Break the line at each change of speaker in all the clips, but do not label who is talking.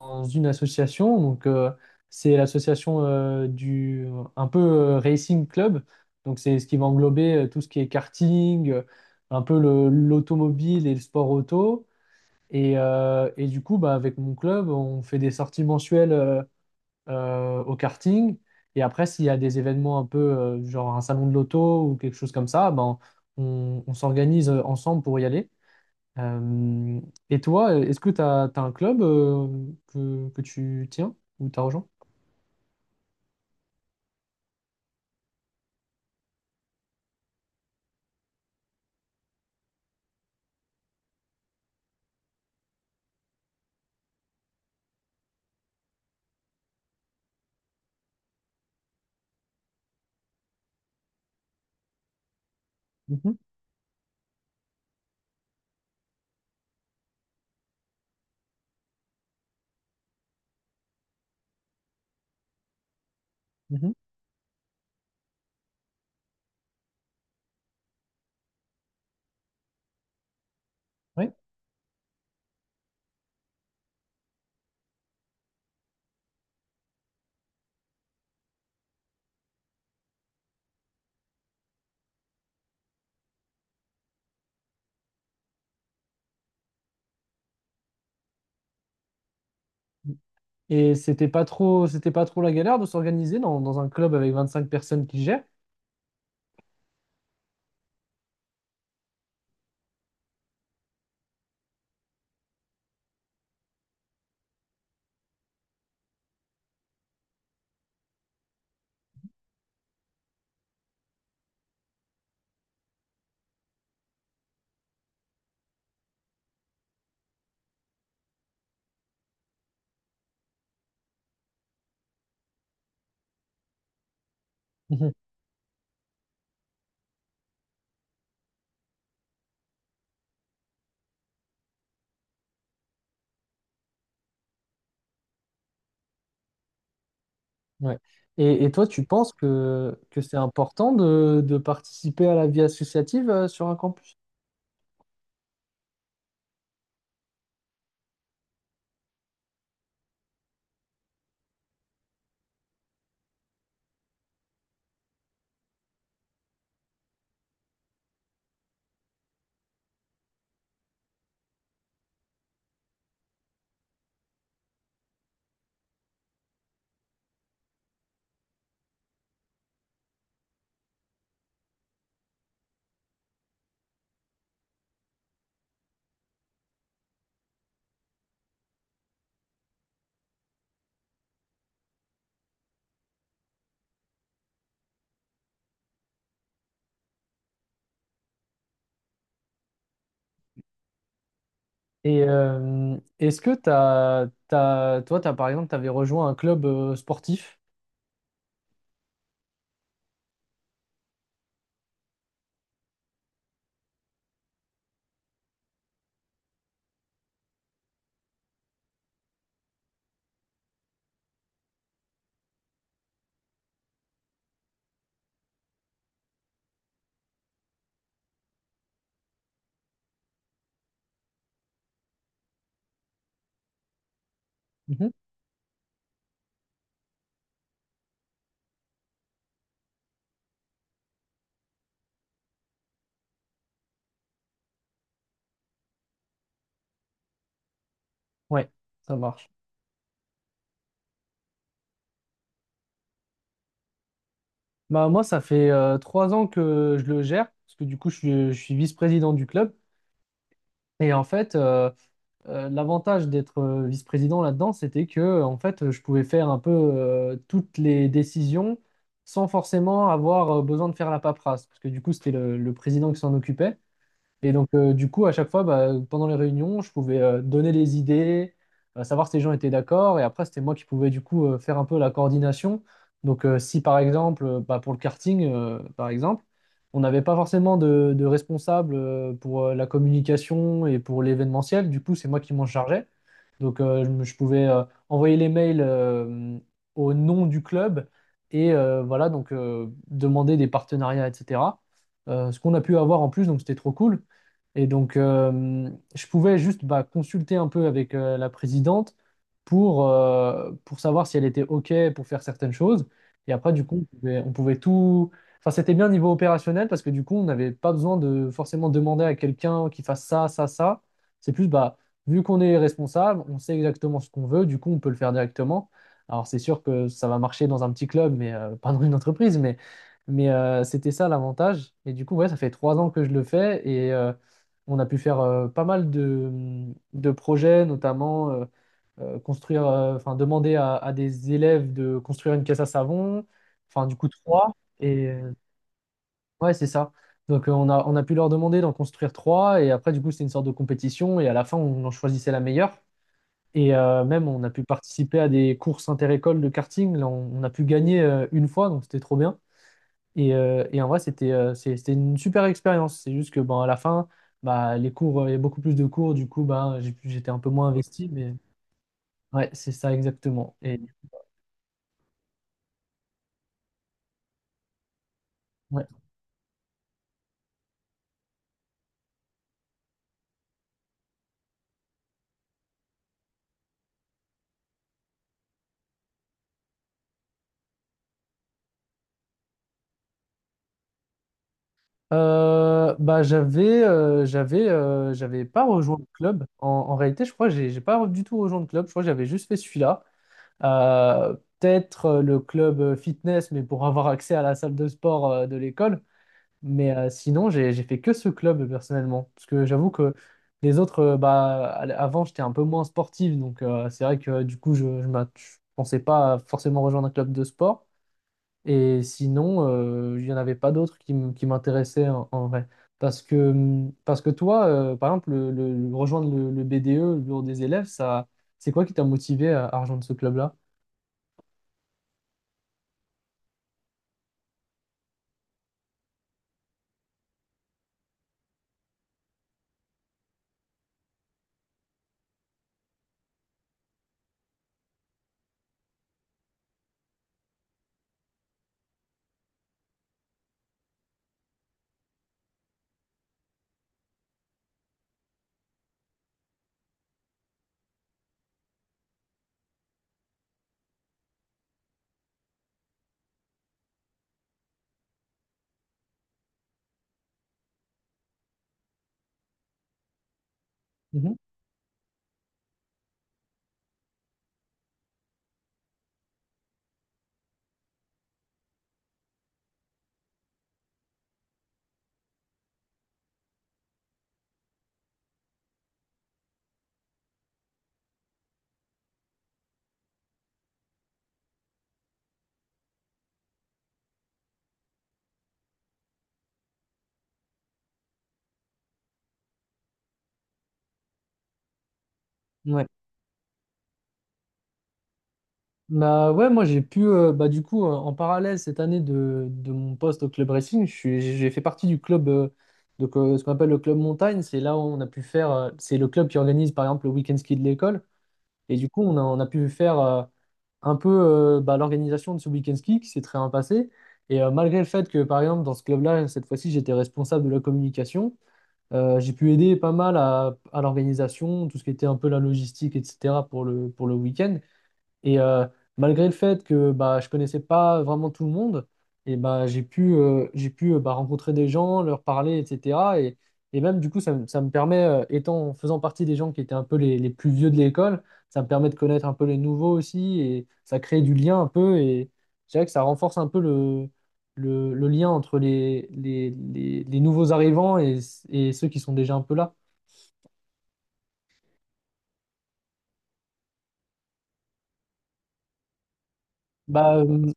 Dans une association. Donc, c'est l'association du un peu Racing Club. Donc, c'est ce qui va englober tout ce qui est karting, un peu l'automobile et le sport auto. Et du coup, bah, avec mon club, on fait des sorties mensuelles au karting. Et après, s'il y a des événements un peu, genre un salon de l'auto ou quelque chose comme ça, ben, on s'organise ensemble pour y aller. Euh, et toi, est-ce que tu as, un club que tu tiens ou t'as rejoint? Mhm, mhm, ouais. Et c'était pas trop la galère de s'organiser dans un club avec 25 personnes qui gèrent? Mhm, ouais. Et toi, tu penses que c'est important de participer à la vie associative sur un campus? Est-ce que t'as, toi, t'as, par exemple, tu avais rejoint un club sportif? Mhm, ouais, ça marche. Bah, moi, ça fait 3 ans que je le gère, parce que du coup, je suis vice-président du club. Et en fait, l'avantage d'être vice-président là-dedans, c'était que en fait, je pouvais faire un peu toutes les décisions sans forcément avoir besoin de faire la paperasse, parce que du coup, c'était le président qui s'en occupait. Et donc, du coup, à chaque fois, bah, pendant les réunions, je pouvais donner les idées, savoir si les gens étaient d'accord. Et après, c'était moi qui pouvais, du coup, faire un peu la coordination. Donc, si par exemple, bah, pour le karting, par exemple, on n'avait pas forcément de responsable pour la communication et pour l'événementiel, du coup, c'est moi qui m'en chargeais. Donc, je pouvais envoyer les mails au nom du club et voilà, donc demander des partenariats, etc. Ce qu'on a pu avoir en plus, donc c'était trop cool, et donc, je pouvais juste bah, consulter un peu avec la présidente pour savoir si elle était OK pour faire certaines choses. Et après, du coup, on pouvait tout. Enfin, c'était bien au niveau opérationnel parce que du coup, on n'avait pas besoin de forcément demander à quelqu'un qui fasse ça, ça, ça. C'est plus, bah, vu qu'on est responsable, on sait exactement ce qu'on veut, du coup, on peut le faire directement. Alors, c'est sûr que ça va marcher dans un petit club, mais pas dans une entreprise, mais, c'était ça l'avantage. Et du coup, ouais, ça fait 3 ans que je le fais et on a pu faire pas mal de projets, notamment construire, enfin demander à des élèves de construire une caisse à savon, enfin du coup trois. Et ouais, c'est ça. Donc on a pu leur demander d'en construire trois. Et après, du coup, c'était une sorte de compétition. Et à la fin, on en choisissait la meilleure. Et même, on a pu participer à des courses inter-écoles de karting. Là, on a pu gagner une fois, donc c'était trop bien. Et en vrai, c'était une super expérience. C'est juste que bon, à la fin, bah, les cours, il y a beaucoup plus de cours. Du coup, bah, j'étais un peu moins investi. Mais ouais, c'est ça exactement. Et, ouais. Bah, j'avais pas rejoint le club. En réalité, je crois que j'ai pas du tout rejoint le club. Je crois que j'avais juste fait celui-là. Peut-être le club fitness, mais pour avoir accès à la salle de sport de l'école. Mais sinon, j'ai fait que ce club personnellement. Parce que j'avoue que les autres, bah, avant, j'étais un peu moins sportif. Donc, c'est vrai que du coup, je ne pensais pas forcément rejoindre un club de sport. Et sinon, il n'y en avait pas d'autres qui m'intéressaient en vrai. Parce que toi, par exemple, rejoindre le BDE, le bureau des élèves, ça, c'est quoi qui t'a motivé à rejoindre ce club-là? Mhm. Bah ouais, moi j'ai pu, bah du coup, en parallèle cette année de mon poste au club racing, j'ai fait partie du club, donc, ce qu'on appelle le club montagne. C'est là où on a pu faire, c'est le club qui organise par exemple le week-end ski de l'école. Et du coup, on a pu faire un peu bah, l'organisation de ce week-end ski qui s'est très bien passé. Et malgré le fait que, par exemple, dans ce club-là, cette fois-ci, j'étais responsable de la communication, j'ai pu aider pas mal à l'organisation, tout ce qui était un peu la logistique, etc. pour le week-end. Et malgré le fait que bah, je connaissais pas vraiment tout le monde, et bah, j'ai pu bah, rencontrer des gens, leur parler, etc. Et même du coup, ça me permet, faisant partie des gens qui étaient un peu les plus vieux de l'école, ça me permet de connaître un peu les nouveaux aussi, et ça crée du lien un peu, et je dirais que ça renforce un peu le lien entre les nouveaux arrivants et ceux qui sont déjà un peu là. Bah,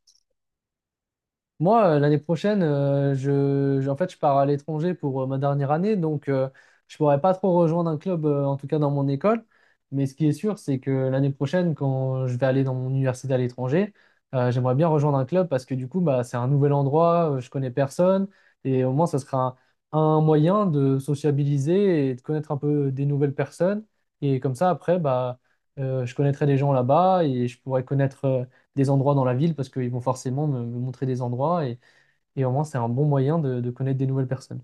moi, l'année prochaine, en fait, je pars à l'étranger pour ma dernière année, donc je pourrais pas trop rejoindre un club, en tout cas dans mon école. Mais ce qui est sûr, c'est que l'année prochaine, quand je vais aller dans mon université à l'étranger, j'aimerais bien rejoindre un club parce que du coup, bah, c'est un nouvel endroit, je connais personne, et au moins, ça sera un moyen de sociabiliser et de connaître un peu des nouvelles personnes. Et comme ça, après, bah, je connaîtrai des gens là-bas et je pourrais connaître des endroits dans la ville parce qu'ils vont forcément me montrer des endroits et au moins c'est un bon moyen de connaître des nouvelles personnes.